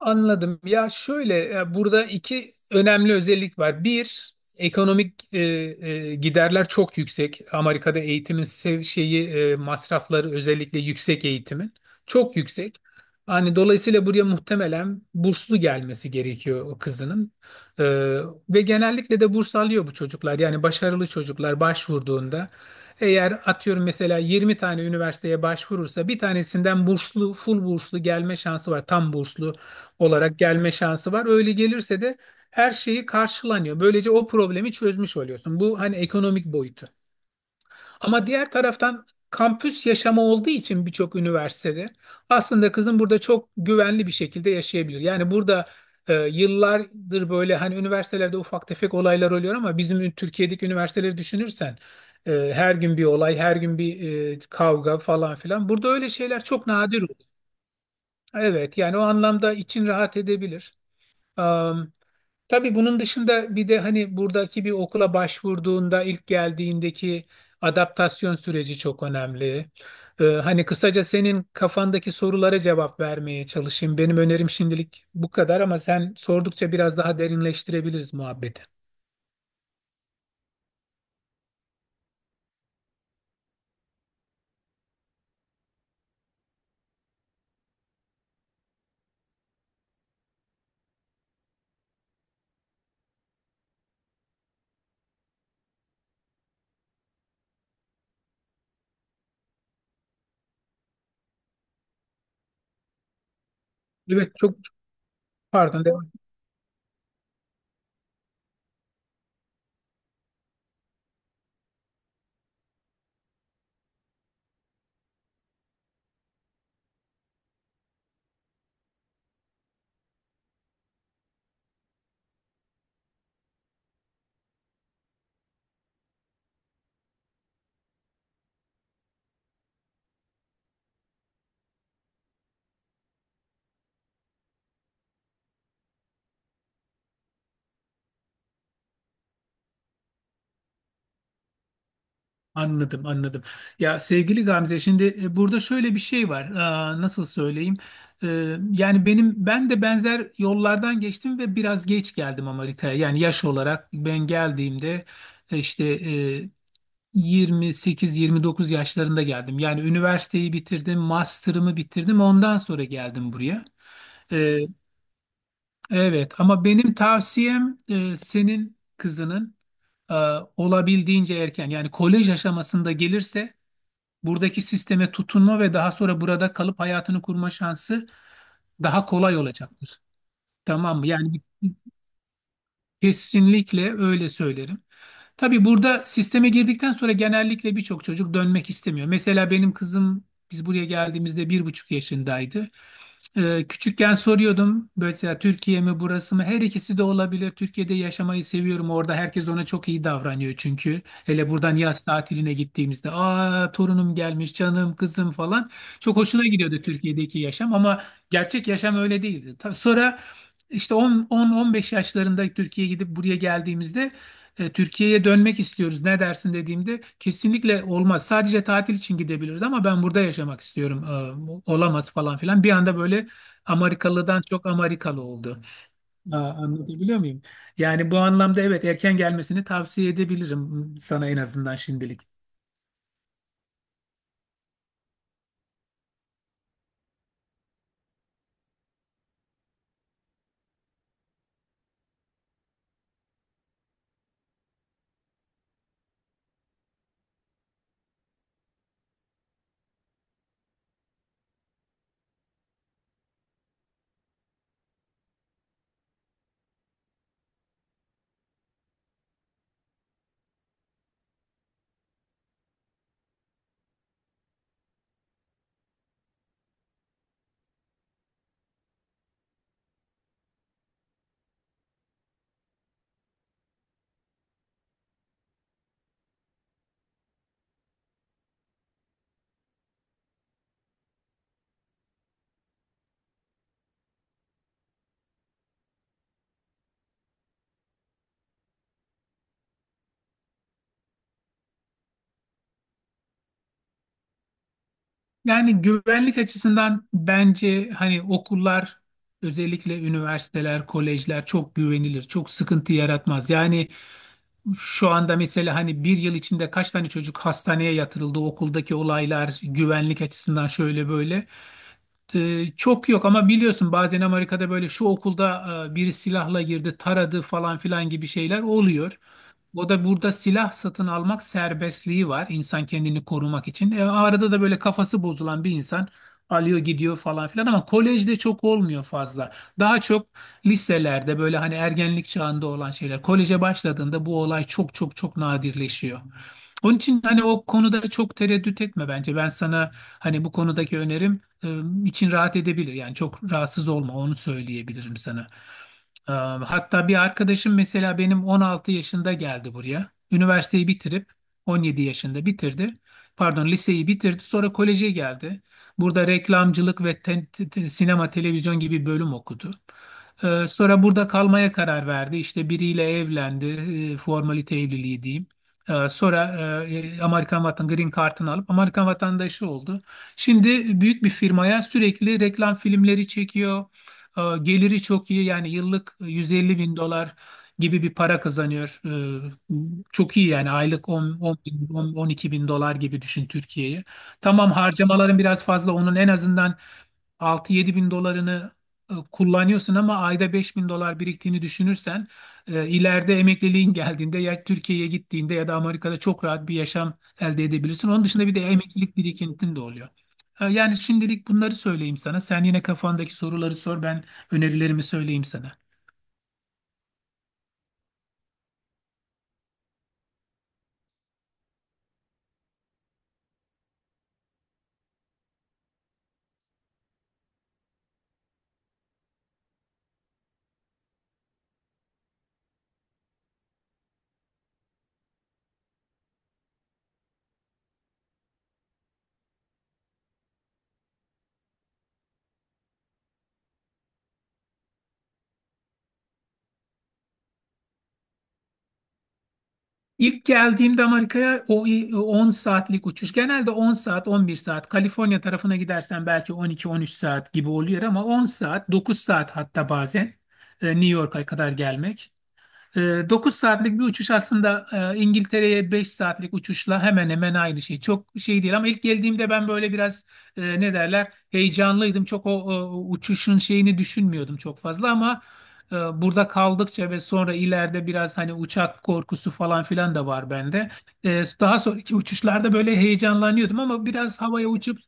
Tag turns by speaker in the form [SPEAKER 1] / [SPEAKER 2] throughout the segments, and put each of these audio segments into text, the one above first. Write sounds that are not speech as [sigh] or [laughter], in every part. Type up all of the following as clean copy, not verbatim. [SPEAKER 1] Anladım. Ya şöyle burada iki önemli özellik var. Bir, ekonomik giderler çok yüksek. Amerika'da eğitimin masrafları, özellikle yüksek eğitimin çok yüksek. Hani dolayısıyla buraya muhtemelen burslu gelmesi gerekiyor o kızının. E, Ve genellikle de burs alıyor bu çocuklar. Yani başarılı çocuklar başvurduğunda, eğer atıyorum mesela 20 tane üniversiteye başvurursa, bir tanesinden burslu, full burslu gelme şansı var. Tam burslu olarak gelme şansı var. Öyle gelirse de her şeyi karşılanıyor. Böylece o problemi çözmüş oluyorsun. Bu, hani, ekonomik boyutu. Ama diğer taraftan, kampüs yaşamı olduğu için birçok üniversitede, aslında kızın burada çok güvenli bir şekilde yaşayabilir. Yani burada yıllardır böyle hani üniversitelerde ufak tefek olaylar oluyor, ama bizim Türkiye'deki üniversiteleri düşünürsen her gün bir olay, her gün bir kavga falan filan. Burada öyle şeyler çok nadir oluyor. Evet, yani o anlamda için rahat edebilir. Tabii bunun dışında bir de hani buradaki bir okula başvurduğunda, ilk geldiğindeki adaptasyon süreci çok önemli. Hani kısaca senin kafandaki sorulara cevap vermeye çalışayım. Benim önerim şimdilik bu kadar, ama sen sordukça biraz daha derinleştirebiliriz muhabbeti. Evet çok, pardon. Anladım, anladım. Ya sevgili Gamze, şimdi burada şöyle bir şey var. Aa, nasıl söyleyeyim? Ee, Yani ben de benzer yollardan geçtim ve biraz geç geldim Amerika'ya. Yani yaş olarak ben geldiğimde işte 28-29 yaşlarında geldim. Yani üniversiteyi bitirdim, master'ımı bitirdim. Ondan sonra geldim buraya. Ee, evet, ama benim tavsiyem senin kızının e, olabildiğince erken, yani kolej aşamasında gelirse, buradaki sisteme tutunma ve daha sonra burada kalıp hayatını kurma şansı daha kolay olacaktır. Tamam mı? Yani kesinlikle öyle söylerim. Tabii burada sisteme girdikten sonra genellikle birçok çocuk dönmek istemiyor. Mesela benim kızım, biz buraya geldiğimizde bir buçuk yaşındaydı. Küçükken soruyordum mesela, Türkiye mi burası mı? Her ikisi de olabilir. Türkiye'de yaşamayı seviyorum. Orada herkes ona çok iyi davranıyor çünkü. Hele buradan yaz tatiline gittiğimizde, aa torunum gelmiş, canım, kızım falan. Çok hoşuna gidiyordu Türkiye'deki yaşam, ama gerçek yaşam öyle değildi. Sonra işte 10-15 yaşlarında Türkiye'ye gidip buraya geldiğimizde Türkiye'ye dönmek istiyoruz, ne dersin dediğimde, kesinlikle olmaz. Sadece tatil için gidebiliriz, ama ben burada yaşamak istiyorum. E, olamaz falan filan. Bir anda böyle Amerikalı'dan çok Amerikalı oldu. Aa, anlatabiliyor muyum? Yani bu anlamda evet, erken gelmesini tavsiye edebilirim sana, en azından şimdilik. Yani güvenlik açısından bence hani okullar, özellikle üniversiteler, kolejler çok güvenilir, çok sıkıntı yaratmaz. Yani şu anda mesela hani bir yıl içinde kaç tane çocuk hastaneye yatırıldı, okuldaki olaylar güvenlik açısından şöyle böyle. Çok yok, ama biliyorsun bazen Amerika'da böyle şu okulda biri silahla girdi, taradı falan filan gibi şeyler oluyor. O da, burada silah satın almak serbestliği var insan kendini korumak için. E, arada da böyle kafası bozulan bir insan alıyor gidiyor falan filan, ama kolejde çok olmuyor fazla. Daha çok liselerde böyle hani ergenlik çağında olan şeyler. Koleje başladığında bu olay çok nadirleşiyor. Onun için hani o konuda çok tereddüt etme bence. Ben sana hani bu konudaki önerim, için rahat edebilir. Yani çok rahatsız olma, onu söyleyebilirim sana. Ee, Hatta bir arkadaşım mesela, benim 16 yaşında geldi buraya. Üniversiteyi bitirip 17 yaşında bitirdi. Pardon, liseyi bitirdi. Sonra koleje geldi. Burada reklamcılık ve sinema televizyon gibi bölüm okudu. Sonra burada kalmaya karar verdi. İşte biriyle evlendi. Formalite evliliği diyeyim. Sonra Amerikan vatan Green Card'ını alıp Amerikan vatandaşı oldu. Şimdi büyük bir firmaya sürekli reklam filmleri çekiyor. E, geliri çok iyi, yani yıllık 150 bin dolar gibi bir para kazanıyor. E, çok iyi, yani aylık 10 bin, 10 12 bin dolar gibi düşün Türkiye'yi. Tamam, harcamaların biraz fazla, onun en azından 6-7 bin dolarını kullanıyorsun, ama ayda 5 bin dolar biriktiğini düşünürsen ileride emekliliğin [laughs] geldiğinde, ya Türkiye'ye gittiğinde ya da Amerika'da çok rahat bir yaşam elde edebilirsin. Onun dışında bir de emeklilik birikintin de oluyor. E, yani şimdilik bunları söyleyeyim sana. Sen yine kafandaki soruları sor, ben önerilerimi söyleyeyim sana. İlk geldiğimde Amerika'ya, 10 saatlik uçuş. Genelde 10 saat, 11 saat. Kaliforniya tarafına gidersen belki 12-13 saat gibi oluyor, ama 10 saat, 9 saat, hatta bazen New York'a kadar gelmek 9 saatlik bir uçuş aslında. İngiltere'ye 5 saatlik uçuşla hemen hemen aynı şey. Çok şey değil, ama ilk geldiğimde ben böyle biraz ne derler, heyecanlıydım. Çok o uçuşun şeyini düşünmüyordum çok fazla, ama burada kaldıkça ve sonra ileride, biraz hani uçak korkusu falan filan da var bende. E, daha sonraki uçuşlarda böyle heyecanlanıyordum, ama biraz havaya uçup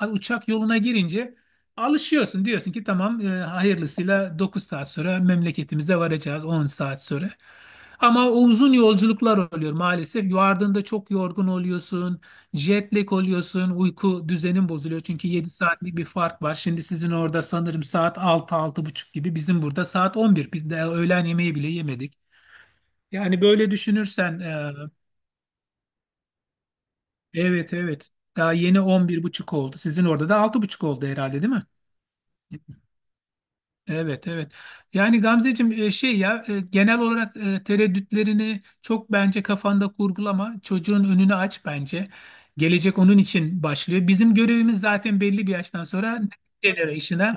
[SPEAKER 1] uçak yoluna girince alışıyorsun, diyorsun ki tamam, hayırlısıyla 9 saat sonra memleketimize varacağız, 10 saat sonra. Ama o uzun yolculuklar oluyor maalesef. Vardığında çok yorgun oluyorsun, jet lag oluyorsun, uyku düzenin bozuluyor. Çünkü 7 saatlik bir fark var. Şimdi sizin orada sanırım saat 6 6 buçuk gibi, bizim burada saat 11. Biz de öğlen yemeği bile yemedik. Yani böyle düşünürsen evet, evet, daha yeni 11 buçuk oldu. Sizin orada da 6 buçuk oldu herhalde, değil mi? Evet, evet. Yani Gamzeciğim, genel olarak tereddütlerini çok bence kafanda kurgulama. Çocuğun önünü aç bence. Gelecek onun için başlıyor. Bizim görevimiz zaten belli bir yaştan sonra generation'a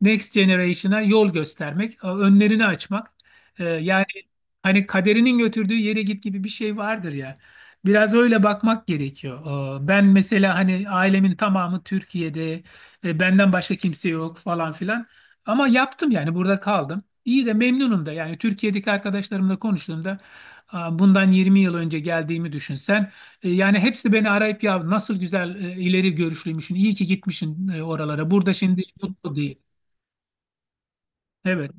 [SPEAKER 1] Next Generation'a yol göstermek, önlerini açmak. Yani hani kaderinin götürdüğü yere git gibi bir şey vardır ya. Biraz öyle bakmak gerekiyor. Ben mesela hani ailemin tamamı Türkiye'de, benden başka kimse yok falan filan. Ama yaptım, yani burada kaldım. İyi de memnunum da, yani Türkiye'deki arkadaşlarımla konuştuğumda, aa, bundan 20 yıl önce geldiğimi düşünsen yani hepsi beni arayıp ya, nasıl güzel ileri görüşlüymüşsün, iyi ki gitmişsin oralara. Burada şimdi mutlu değil. Evet,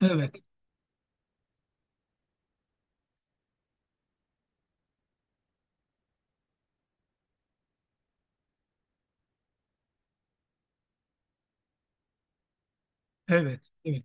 [SPEAKER 1] evet, evet, evet.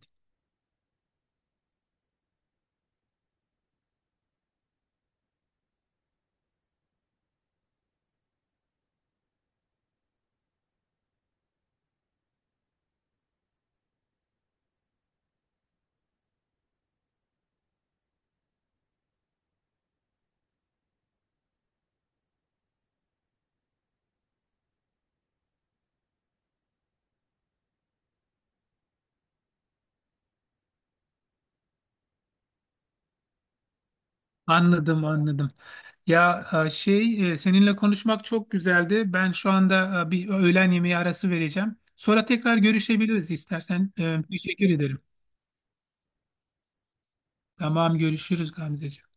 [SPEAKER 1] Anladım, anladım. Ya seninle konuşmak çok güzeldi. Ben şu anda bir öğlen yemeği arası vereceğim. Sonra tekrar görüşebiliriz istersen. E, teşekkür ederim. Tamam, görüşürüz Gamzeciğim.